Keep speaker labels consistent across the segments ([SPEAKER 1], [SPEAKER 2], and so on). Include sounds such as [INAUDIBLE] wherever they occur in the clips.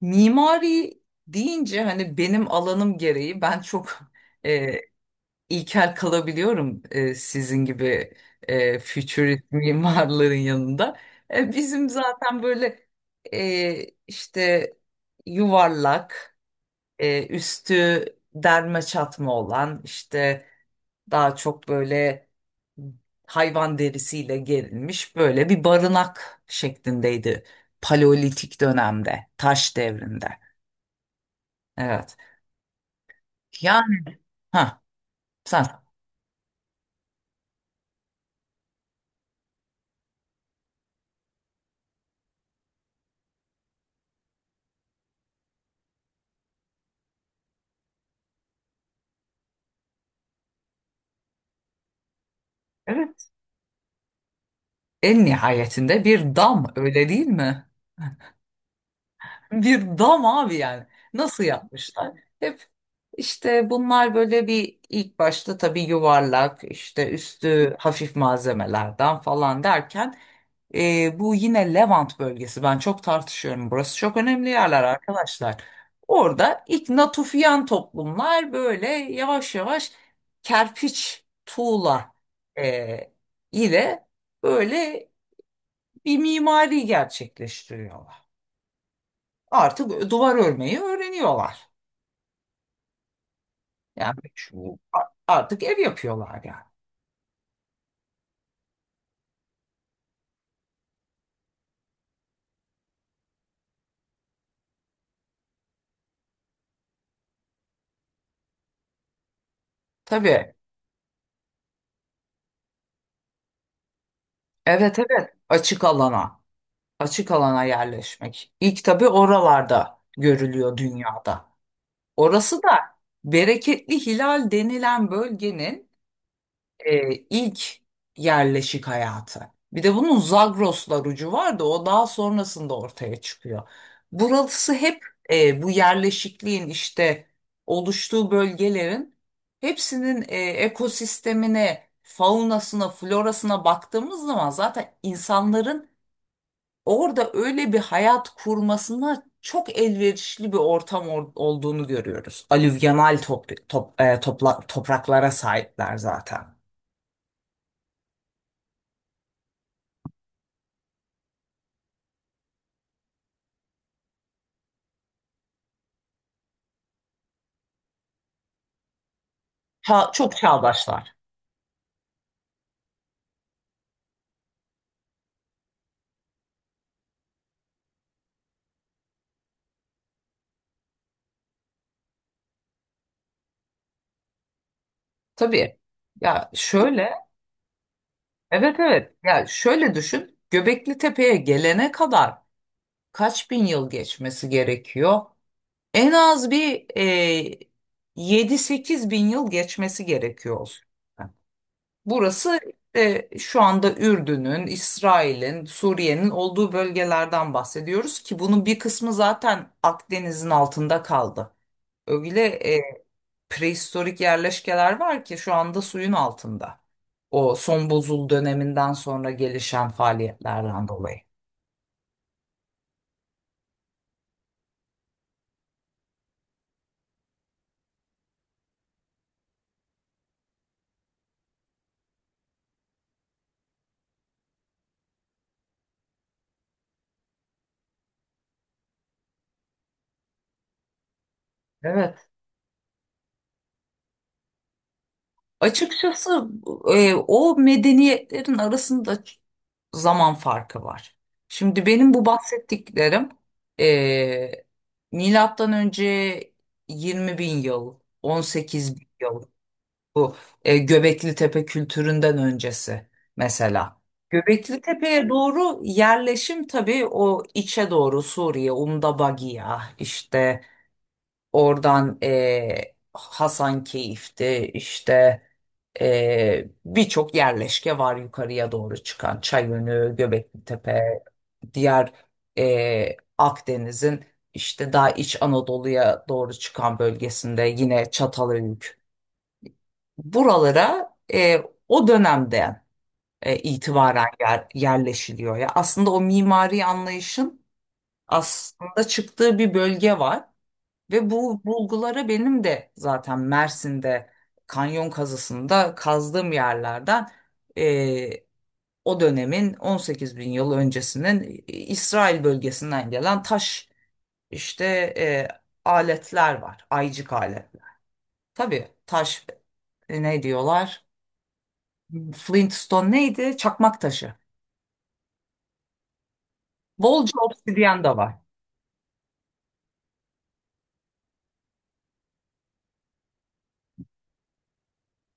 [SPEAKER 1] Mimari deyince hani benim alanım gereği ben çok [LAUGHS] e, ilkel kalabiliyorum sizin gibi futurist mimarların yanında. Bizim zaten böyle işte yuvarlak, üstü derme çatma olan işte daha çok böyle hayvan derisiyle gerilmiş böyle bir barınak şeklindeydi Paleolitik dönemde, taş devrinde. Evet. Yani ha sen. Evet. En nihayetinde bir dam, öyle değil mi? Bir dam abi yani. Nasıl yapmışlar? Hep işte bunlar böyle bir ilk başta tabii yuvarlak işte üstü hafif malzemelerden falan derken. Bu yine Levant bölgesi. Ben çok tartışıyorum. Burası çok önemli yerler arkadaşlar. Orada ilk Natufian toplumlar böyle yavaş yavaş kerpiç, tuğla e, ile böyle bir mimari gerçekleştiriyorlar. Artık duvar örmeyi öğreniyorlar. Yani şu- a- Artık ev yapıyorlar yani. Tabii. Evet evet, açık alana. Açık alana yerleşmek. İlk tabii oralarda görülüyor dünyada. Orası da bereketli hilal denilen bölgenin ilk yerleşik hayatı. Bir de bunun Zagroslar ucu var da o daha sonrasında ortaya çıkıyor. Burası hep bu yerleşikliğin işte oluştuğu bölgelerin hepsinin ekosistemine, faunasına, florasına baktığımız zaman zaten insanların orada öyle bir hayat kurmasına çok elverişli bir ortam olduğunu görüyoruz. Alüvyonal topraklara sahipler zaten. Ha, çok çağdaşlar. Tabii. Ya şöyle, evet evet. Ya şöyle düşün. Göbekli Tepe'ye gelene kadar kaç bin yıl geçmesi gerekiyor? En az bir 7-8 bin yıl geçmesi gerekiyor. Burası şu anda Ürdün'ün, İsrail'in, Suriye'nin olduğu bölgelerden bahsediyoruz ki bunun bir kısmı zaten Akdeniz'in altında kaldı. Öyle e, prehistorik yerleşkeler var ki şu anda suyun altında. O son bozul döneminden sonra gelişen faaliyetlerden dolayı. Evet. Açıkçası o medeniyetlerin arasında zaman farkı var. Şimdi benim bu bahsettiklerim e, milattan önce 20 bin yıl, 18 bin yıl, bu Göbekli Tepe kültüründen öncesi mesela. Göbekli Tepe'ye doğru yerleşim tabii o içe doğru Suriye, Umdabagiya, işte oradan Hasankeyf'ti, işte birçok yerleşke var yukarıya doğru çıkan. Çayönü, Göbeklitepe, diğer Akdeniz'in işte daha iç Anadolu'ya doğru çıkan bölgesinde yine Çatalhöyük. Buralara o dönemden itibaren yerleşiliyor. Ya aslında o mimari anlayışın aslında çıktığı bir bölge var. Ve bu bulgulara benim de zaten Mersin'de kanyon kazısında kazdığım yerlerden e, o dönemin 18 bin yıl öncesinin İsrail bölgesinden gelen taş işte e, aletler var. Aycık aletler. Tabii taş ne diyorlar? Flintstone neydi? Çakmak taşı. Bolca obsidyen de var.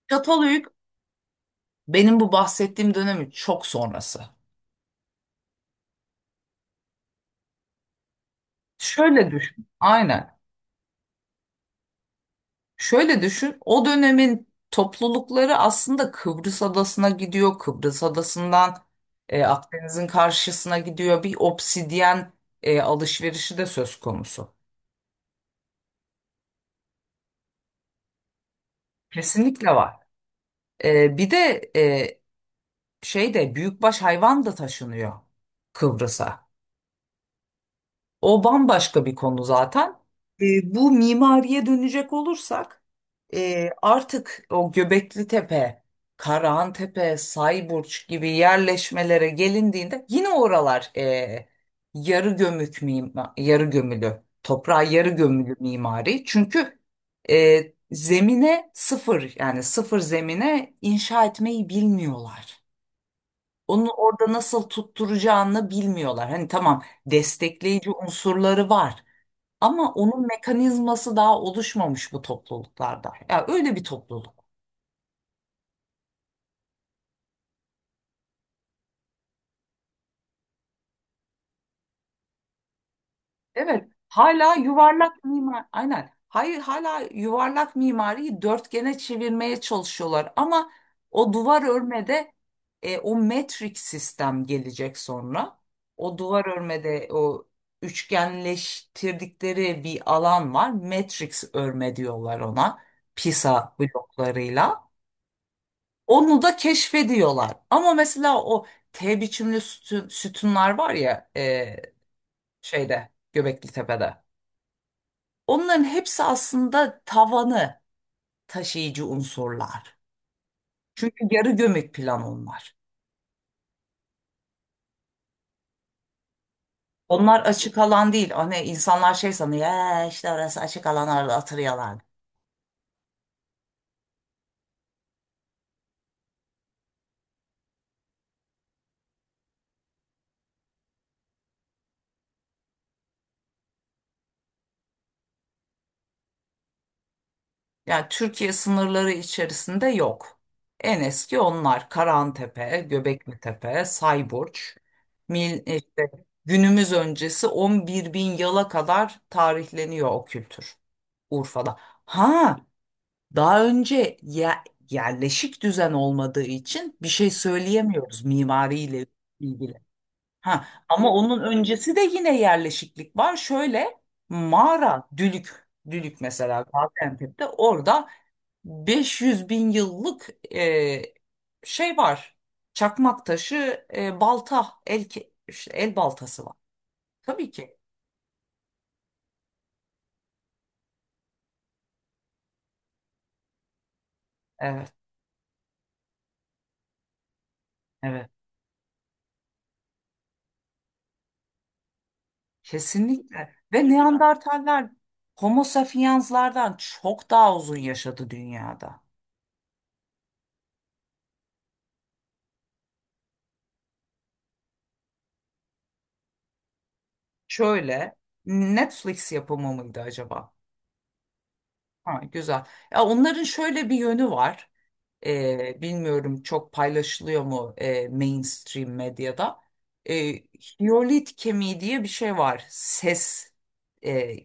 [SPEAKER 1] Çatalhöyük benim bu bahsettiğim dönemin çok sonrası. Şöyle düşün. Aynen. Şöyle düşün, o dönemin toplulukları aslında Kıbrıs Adası'na gidiyor. Kıbrıs Adası'ndan Akdeniz'in karşısına gidiyor. Bir obsidyen alışverişi de söz konusu. Kesinlikle var. Bir de büyükbaş hayvan da taşınıyor Kıbrıs'a. O bambaşka bir konu zaten. E, Bu mimariye dönecek olursak artık o Göbekli Tepe, Karahan Tepe, Sayburç gibi yerleşmelere gelindiğinde yine oralar yarı gömük yarı gömülü, toprağa yarı gömülü mimari. Çünkü e, zemine sıfır yani sıfır zemine inşa etmeyi bilmiyorlar. Onu orada nasıl tutturacağını bilmiyorlar. Hani tamam, destekleyici unsurları var ama onun mekanizması daha oluşmamış bu topluluklarda. Ya öyle bir topluluk. Evet, hala yuvarlak aynen. Hayır, hala yuvarlak mimariyi dörtgene çevirmeye çalışıyorlar. Ama o duvar örmede o metrik sistem gelecek sonra. O duvar örmede o üçgenleştirdikleri bir alan var. Matrix örme diyorlar ona. Pisa bloklarıyla. Onu da keşfediyorlar. Ama mesela o T biçimli sütunlar var ya, şeyde, Göbekli Tepe'de. Onların hepsi aslında tavanı taşıyıcı unsurlar. Çünkü yarı gömük plan onlar. Onlar açık alan değil. Hani insanlar şey sanıyor, işte orası açık alan, orada oturuyorlar." Yani Türkiye sınırları içerisinde yok. En eski onlar Karahantepe, Göbeklitepe, Sayburç, Mil, işte günümüz öncesi 11 bin yıla kadar tarihleniyor o kültür, Urfa'da. Ha, daha önce ya yerleşik düzen olmadığı için bir şey söyleyemiyoruz mimariyle ilgili. Ha, ama onun öncesi de yine yerleşiklik var. Şöyle mağara, dülük mesela Gaziantep'te, orada 500 bin yıllık e, şey var. Çakmak taşı, balta, işte el baltası var. Tabii ki. Evet, evet. Kesinlikle. Ve Neandertaller Homo sapiens'lardan çok daha uzun yaşadı dünyada. Şöyle, Netflix yapımı mıydı acaba? Ha, güzel. Ya onların şöyle bir yönü var. Bilmiyorum çok paylaşılıyor mu mainstream medyada. Ee, hiyolit kemiği diye bir şey var. E,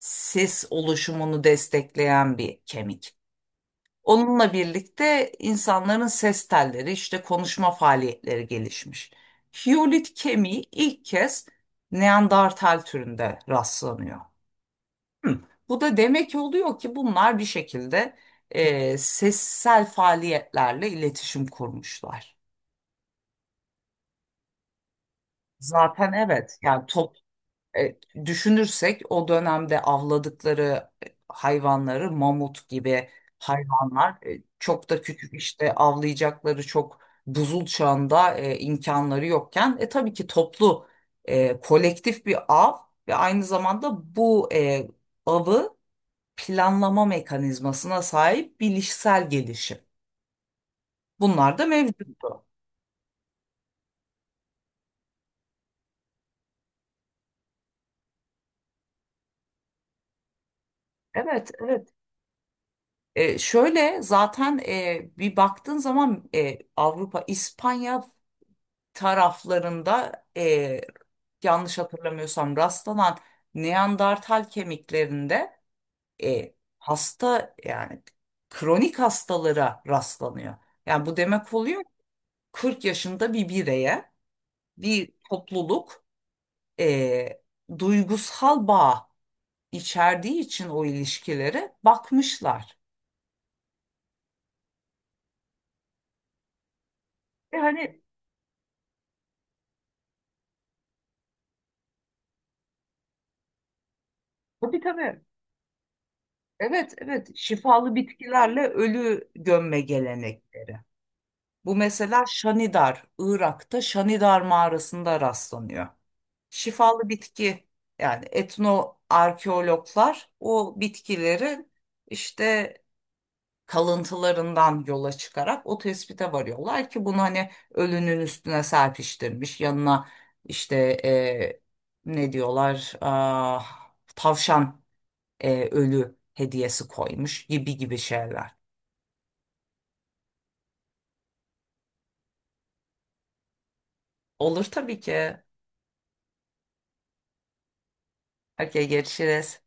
[SPEAKER 1] ses oluşumunu destekleyen bir kemik. Onunla birlikte insanların ses telleri işte konuşma faaliyetleri gelişmiş. Hiyolit kemiği ilk kez Neandertal türünde rastlanıyor. Hı. Bu da demek oluyor ki bunlar bir şekilde sessel faaliyetlerle iletişim kurmuşlar. Zaten evet yani e, düşünürsek o dönemde avladıkları hayvanları, mamut gibi hayvanlar, çok da küçük işte avlayacakları çok buzul çağında imkanları yokken, tabii ki kolektif bir av ve aynı zamanda bu avı planlama mekanizmasına sahip bilişsel gelişim. Bunlar da mevcuttu. Evet, evet. Şöyle zaten bir baktığın zaman Avrupa, İspanya taraflarında e, yanlış hatırlamıyorsam rastlanan Neandertal kemiklerinde e, hasta yani kronik hastalara rastlanıyor. Yani bu demek oluyor ki 40 yaşında bir bireye bir topluluk e, duygusal bağ içerdiği için o ilişkilere bakmışlar. E hani, tabii tabii. Evet, evet. Şifalı bitkilerle ölü gömme gelenekleri. Bu mesela Şanidar, Irak'ta Şanidar mağarasında rastlanıyor. Şifalı bitki yani etno arkeologlar o bitkilerin işte kalıntılarından yola çıkarak o tespite varıyorlar ki bunu hani ölünün üstüne serpiştirmiş, yanına işte e, ne diyorlar, ah, tavşan, ölü hediyesi koymuş gibi gibi şeyler. Olur tabii ki. Okey, görüşürüz.